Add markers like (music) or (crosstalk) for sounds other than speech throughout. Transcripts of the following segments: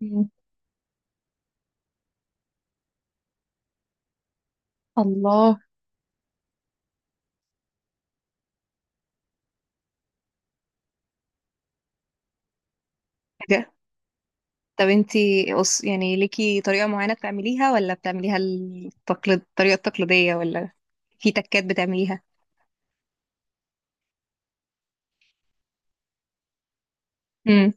مم. الله. حاجة. طب انتي يعني ليكي طريقة معينة بتعمليها ولا بتعمليها الطريقة التقليدية، ولا في تكات بتعمليها؟ امم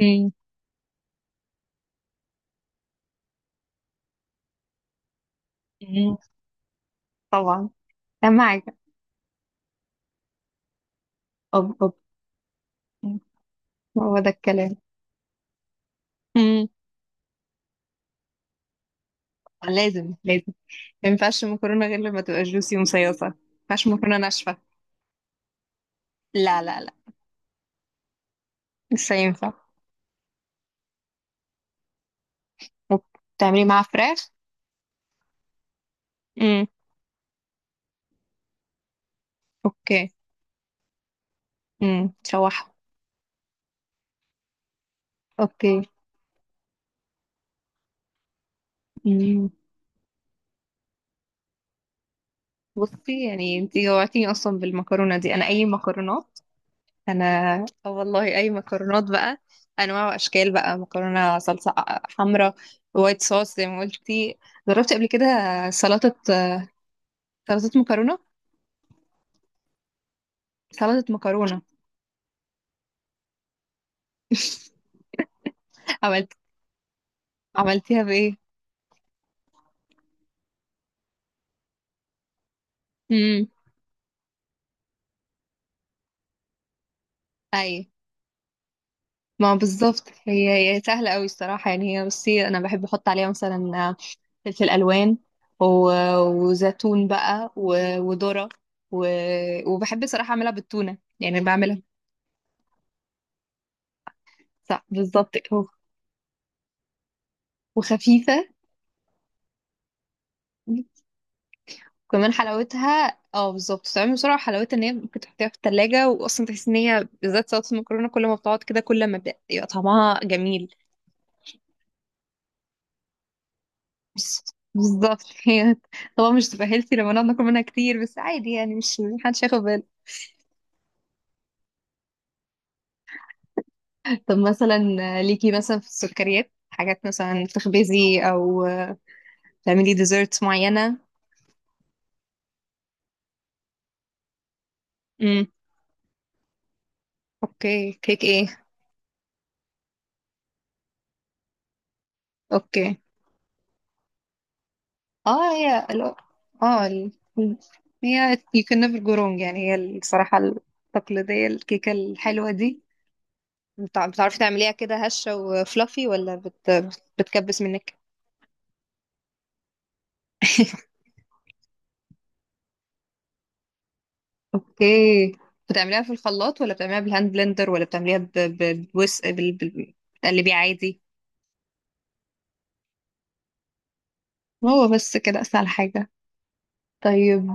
امم طبعا، اهم حاجة. أب أب مم. هو ده الكلام. امم لازم لازم، ما ينفعش المكرونة غير لما تبقى جوسي ومصيصة، ما ينفعش مكرونة ناشفة. لا لا لا، مش هينفع. وبتعملي معاها فراخ؟ امم اوكي. تشوحها. اوكي، بصي، يعني انت جوعتيني اصلا بالمكرونه دي. انا اي مكرونات، انا اه والله اي مكرونات بقى، انواع واشكال، بقى مكرونه صلصه حمراء، وايت صوص زي ما قلتي، جربت قبل كده. سلطه سلطه مكرونه، سلطه مكرونه. عملت عملتيها بايه؟ امم اي، ما بالظبط، هي هي سهله قوي الصراحه. يعني هي، بصي، انا بحب احط عليها مثلا فلفل الوان، وزيتون بقى، وذره، وبحب صراحه اعملها بالتونه، يعني بعملها. صح، بالظبط كده. وخفيفه، كمان حلاوتها، اه بالظبط بتتعمل بسرعه، وحلاوتها ان هي ممكن تحطيها في التلاجة، واصلا تحس ان هي بالذات سلطه المكرونه كل ما بتقعد كده كل ما بيبقى طعمها جميل. بس- بالظبط، (laughs) هي. طبعا مش تبقى هيلثي لما نقعد ناكل منها كتير، بس عادي يعني، مش محدش هياخد باله. طب مثلا ليكي، مثلا في السكريات، حاجات مثلا بتخبزي او تعملي ديزرتس معينة؟ امم اوكي، كيك ايه؟ اوكي. اه هي ال- اه ال- هي you can never go wrong، يعني هي الصراحة التقليدية، الكيكة الحلوة دي. بتعرفي تعمليها كده هشة وفلافي، ولا بتكبس منك؟ (laughs) اوكي، بتعمليها في الخلاط، ولا بتعمليها بالهاند بلندر، ولا بتعمليها ب... ب... بوس... بال... بال... بتقلبيها عادي؟ هو بس كده اسهل حاجة. طيب،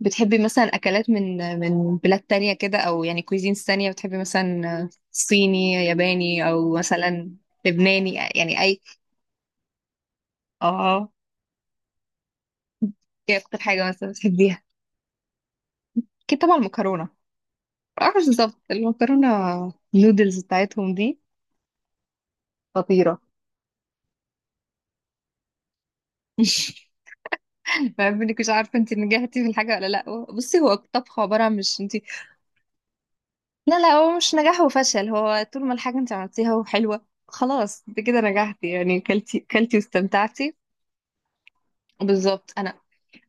بتحبي مثلا أكلات من بلاد تانية كده، أو يعني كويزينز تانية، بتحبي مثلا صيني، ياباني، أو مثلا لبناني، يعني أي؟ اه، ايه أكتر حاجة مثلا بتحبيها؟ أكيد طبعا المكرونة. معرفش بالظبط، المكرونة النودلز بتاعتهم دي خطيرة. بحب انك مش عارفة انت نجحتي في الحاجة ولا لأ. بصي، هو الطبخ عبارة عن، مش انت، لا لا، هو مش نجاح وفشل. هو طول ما الحاجة انت عملتيها وحلوة، خلاص انت كده نجحتي، يعني كلتي كلتي واستمتعتي. بالظبط، انا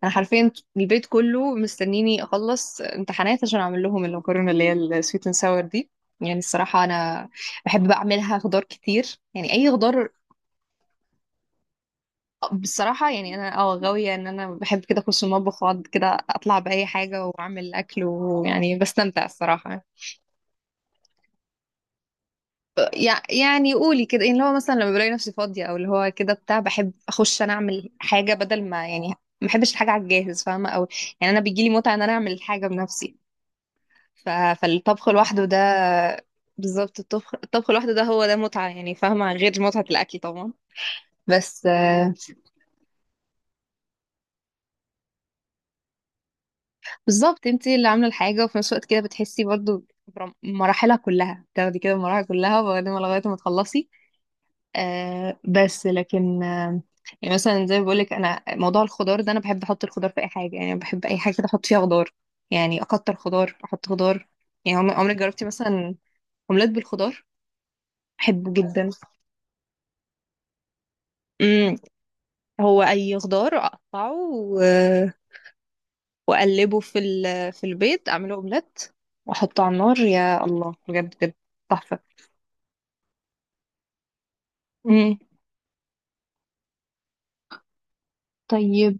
انا حرفيا البيت كله مستنيني اخلص امتحانات عشان اعمل لهم المكرونه اللي هي السويت اند ساور دي. يعني الصراحه انا بحب بقى اعملها خضار كتير، يعني اي خضار. بصراحه يعني انا اه غاويه ان انا بحب كده اخش المطبخ واقعد كده اطلع باي حاجه واعمل اكل، ويعني بستمتع الصراحه. يعني قولي كده، يعني اللي هو مثلا لما بلاقي نفسي فاضيه، او اللي هو كده بتاع، بحب اخش انا اعمل حاجه بدل ما، يعني ما بحبش الحاجه على الجاهز فاهمه، او يعني انا بيجيلي متعه ان انا اعمل الحاجه بنفسي. ف... فالطبخ لوحده ده، بالظبط الطبخ، الطبخ لوحده ده، هو ده متعة يعني، فاهمة، غير متعة الأكل طبعا. بس بالظبط انتي اللي عاملة الحاجة، وفي نفس الوقت كده بتحسي برضو مراحلها كلها، تاخدي كده المراحل كلها، وبعدين لغاية ما تخلصي. بس لكن، يعني مثلا زي ما بقولك، أنا موضوع الخضار ده أنا بحب أحط الخضار في أي حاجة. يعني بحب أي حاجة كده أحط فيها خضار، يعني أكتر خضار أحط خضار. يعني عمرك عمرك جربتي مثلا أومليت بالخضار؟ بحبه جدا. مم، هو اي خضار اقطعه واقلبه في البيض، اعمله اومليت واحطه على النار، يا الله بجد بجد تحفه. مم. طيب،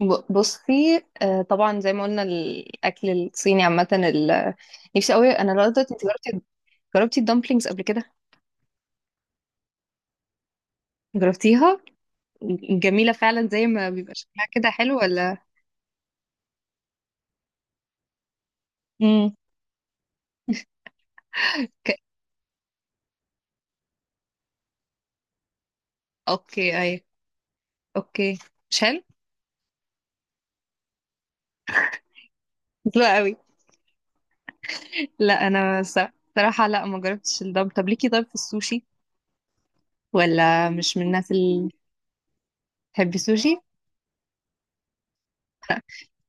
بصي طبعا زي ما قلنا، الاكل الصيني عامه. نفسي قوي انا لغايه دلوقتي. انت جربتي، جربتي الدمبلينجز قبل كده؟ جربتيها. جميله فعلا، زي ما بيبقى شكلها كده حلو ولا؟ امم ك... اوكي، اي. اوكي، مش حلو. حلو قوي. لا انا صراحه لا ما جربتش الدم. طب ليكي، طيب في السوشي، ولا مش من الناس اللي بتحب السوشي؟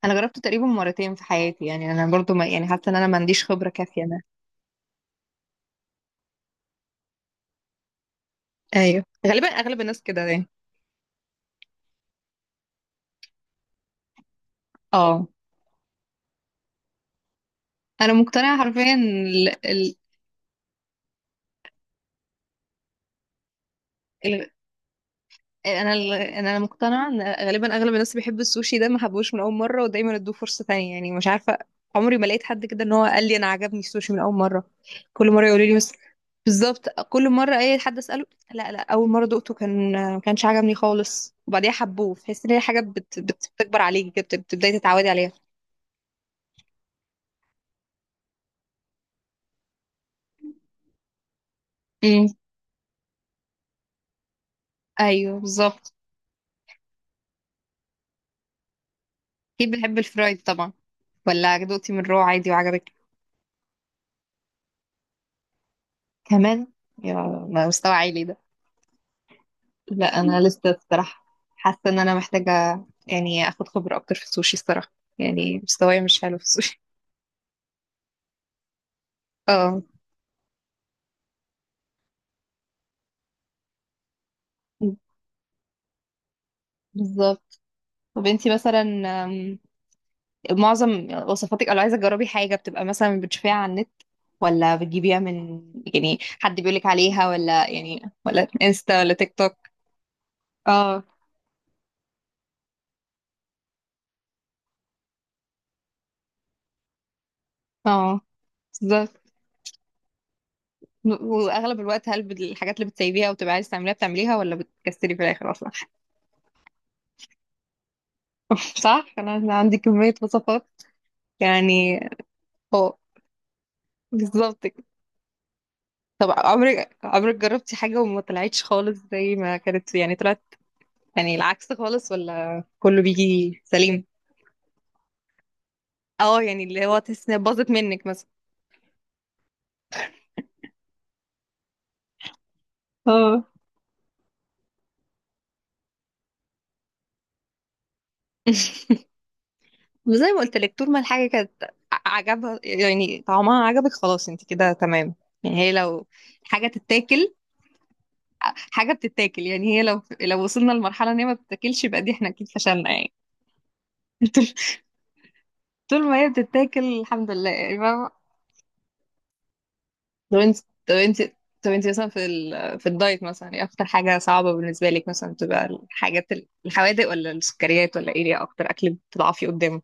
انا جربته تقريبا مرتين في حياتي، يعني انا برضو، ما يعني، حاسه ان انا ما عنديش خبره كافيه انا. ايوه، غالبا اغلب الناس كده يعني. اه، انا مقتنعه حرفيا. انا مقتنعه ان غالبا اغلب الناس اللي بيحب السوشي ده ما حبوش من اول مره، ودايما ادوه فرصه تانية، يعني مش عارفه. عمري ما لقيت حد كده ان هو قال لي انا عجبني السوشي من اول مره، كل مره يقولوا لي، بس بالظبط، كل مره اي حد اساله، لا لا، اول مره دقته كان ما كانش عجبني خالص، وبعديها حبوه. تحس ان هي حاجه بتكبر عليكي كده، بتبداي تتعودي عليها. امم ايوه بالظبط. اكيد بحب الفرايد طبعا، ولا دقتي من رو عادي وعجبك كمان؟ يا، مستوى عالي ده. لا انا لسه الصراحه حاسه ان انا محتاجه يعني اخد خبره اكتر في السوشي الصراحه، يعني مستواي مش حلو في السوشي. (laughs) اه بالظبط. طب انتي مثلا، أم، معظم وصفاتك لو عايزه تجربي حاجه بتبقى مثلا بتشوفيها على النت، ولا بتجيبيها من، يعني حد بيقولك عليها، ولا يعني، ولا انستا، ولا تيك توك؟ اه. اه بالظبط. واغلب الوقت، هل الحاجات اللي بتسيبيها وبتبقى عايزه تعمليها، بتعمليها ولا بتكسلي في الاخر اصلا؟ (laughs) صح، انا عندي كميه وصفات يعني، هو بالظبط كده. طب عمرك عمرك جربتي حاجة وما طلعتش خالص زي ما كانت؟ يعني طلعت يعني العكس خالص، ولا كله بيجي سليم؟ اه، يعني اللي هو تحس انها باظت منك مثلا. اه. (laughs) زي ما قلت لك، طول ما الحاجة كانت عجبها، يعني طعمها عجبك، خلاص انت كده تمام. يعني هي لو حاجة تتاكل، حاجة بتتاكل، يعني هي لو لو وصلنا لمرحلة ان هي ما بتتاكلش، يبقى دي احنا اكيد فشلنا يعني. (laughs) طول، طول ما هي بتتاكل الحمد لله يعني. طب انت طب انت طب انت مثلا في الدايت، مثلا ايه اكتر حاجة صعبة بالنسبة لك؟ مثلا بتبقى الحاجات الحوادق، ولا السكريات، ولا ايه؟ ايه اكتر اكل بتضعفي قدامه؟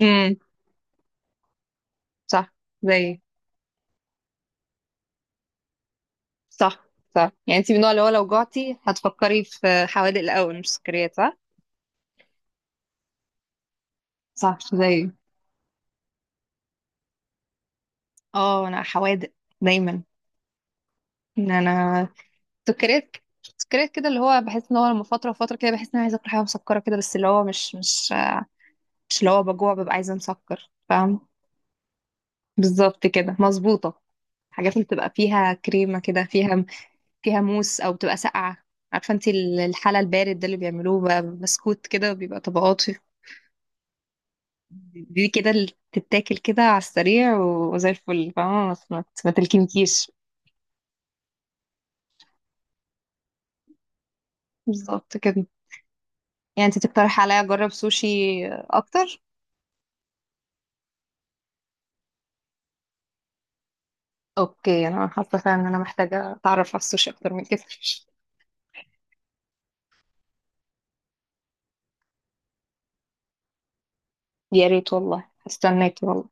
امم صح. زي، صح صح، يعني انت من النوع اللي هو لو جعتي هتفكري في حوادق الاول مش سكريات صح؟ صح، زي، اه انا حوادق دايما، ان انا سكريات، سكريات كده، اللي هو بحس ان هو لما فترة وفترة كده بحس ان انا عايزة اكل حاجة مسكرة كده، بس اللي هو مش، مش اللي هو بجوع ببقى عايزة مسكر فاهم. بالظبط كده، مظبوطة. حاجات اللي بتبقى فيها كريمة كده، فيها فيها موس، أو بتبقى ساقعة. عارفة انتي الحلى البارد ده اللي بيعملوه بسكوت كده، بيبقى طبقات دي كده اللي تتاكل كده على السريع وزي الفل فاهمة، ما تلكمكيش. بالظبط كده. يعني انتي تقترح عليا أجرب سوشي أكتر. أوكي، أنا حاسة فعلا إن أنا محتاجة أتعرف على السوشي أكتر من كده. يا ريت والله، هستناكي والله.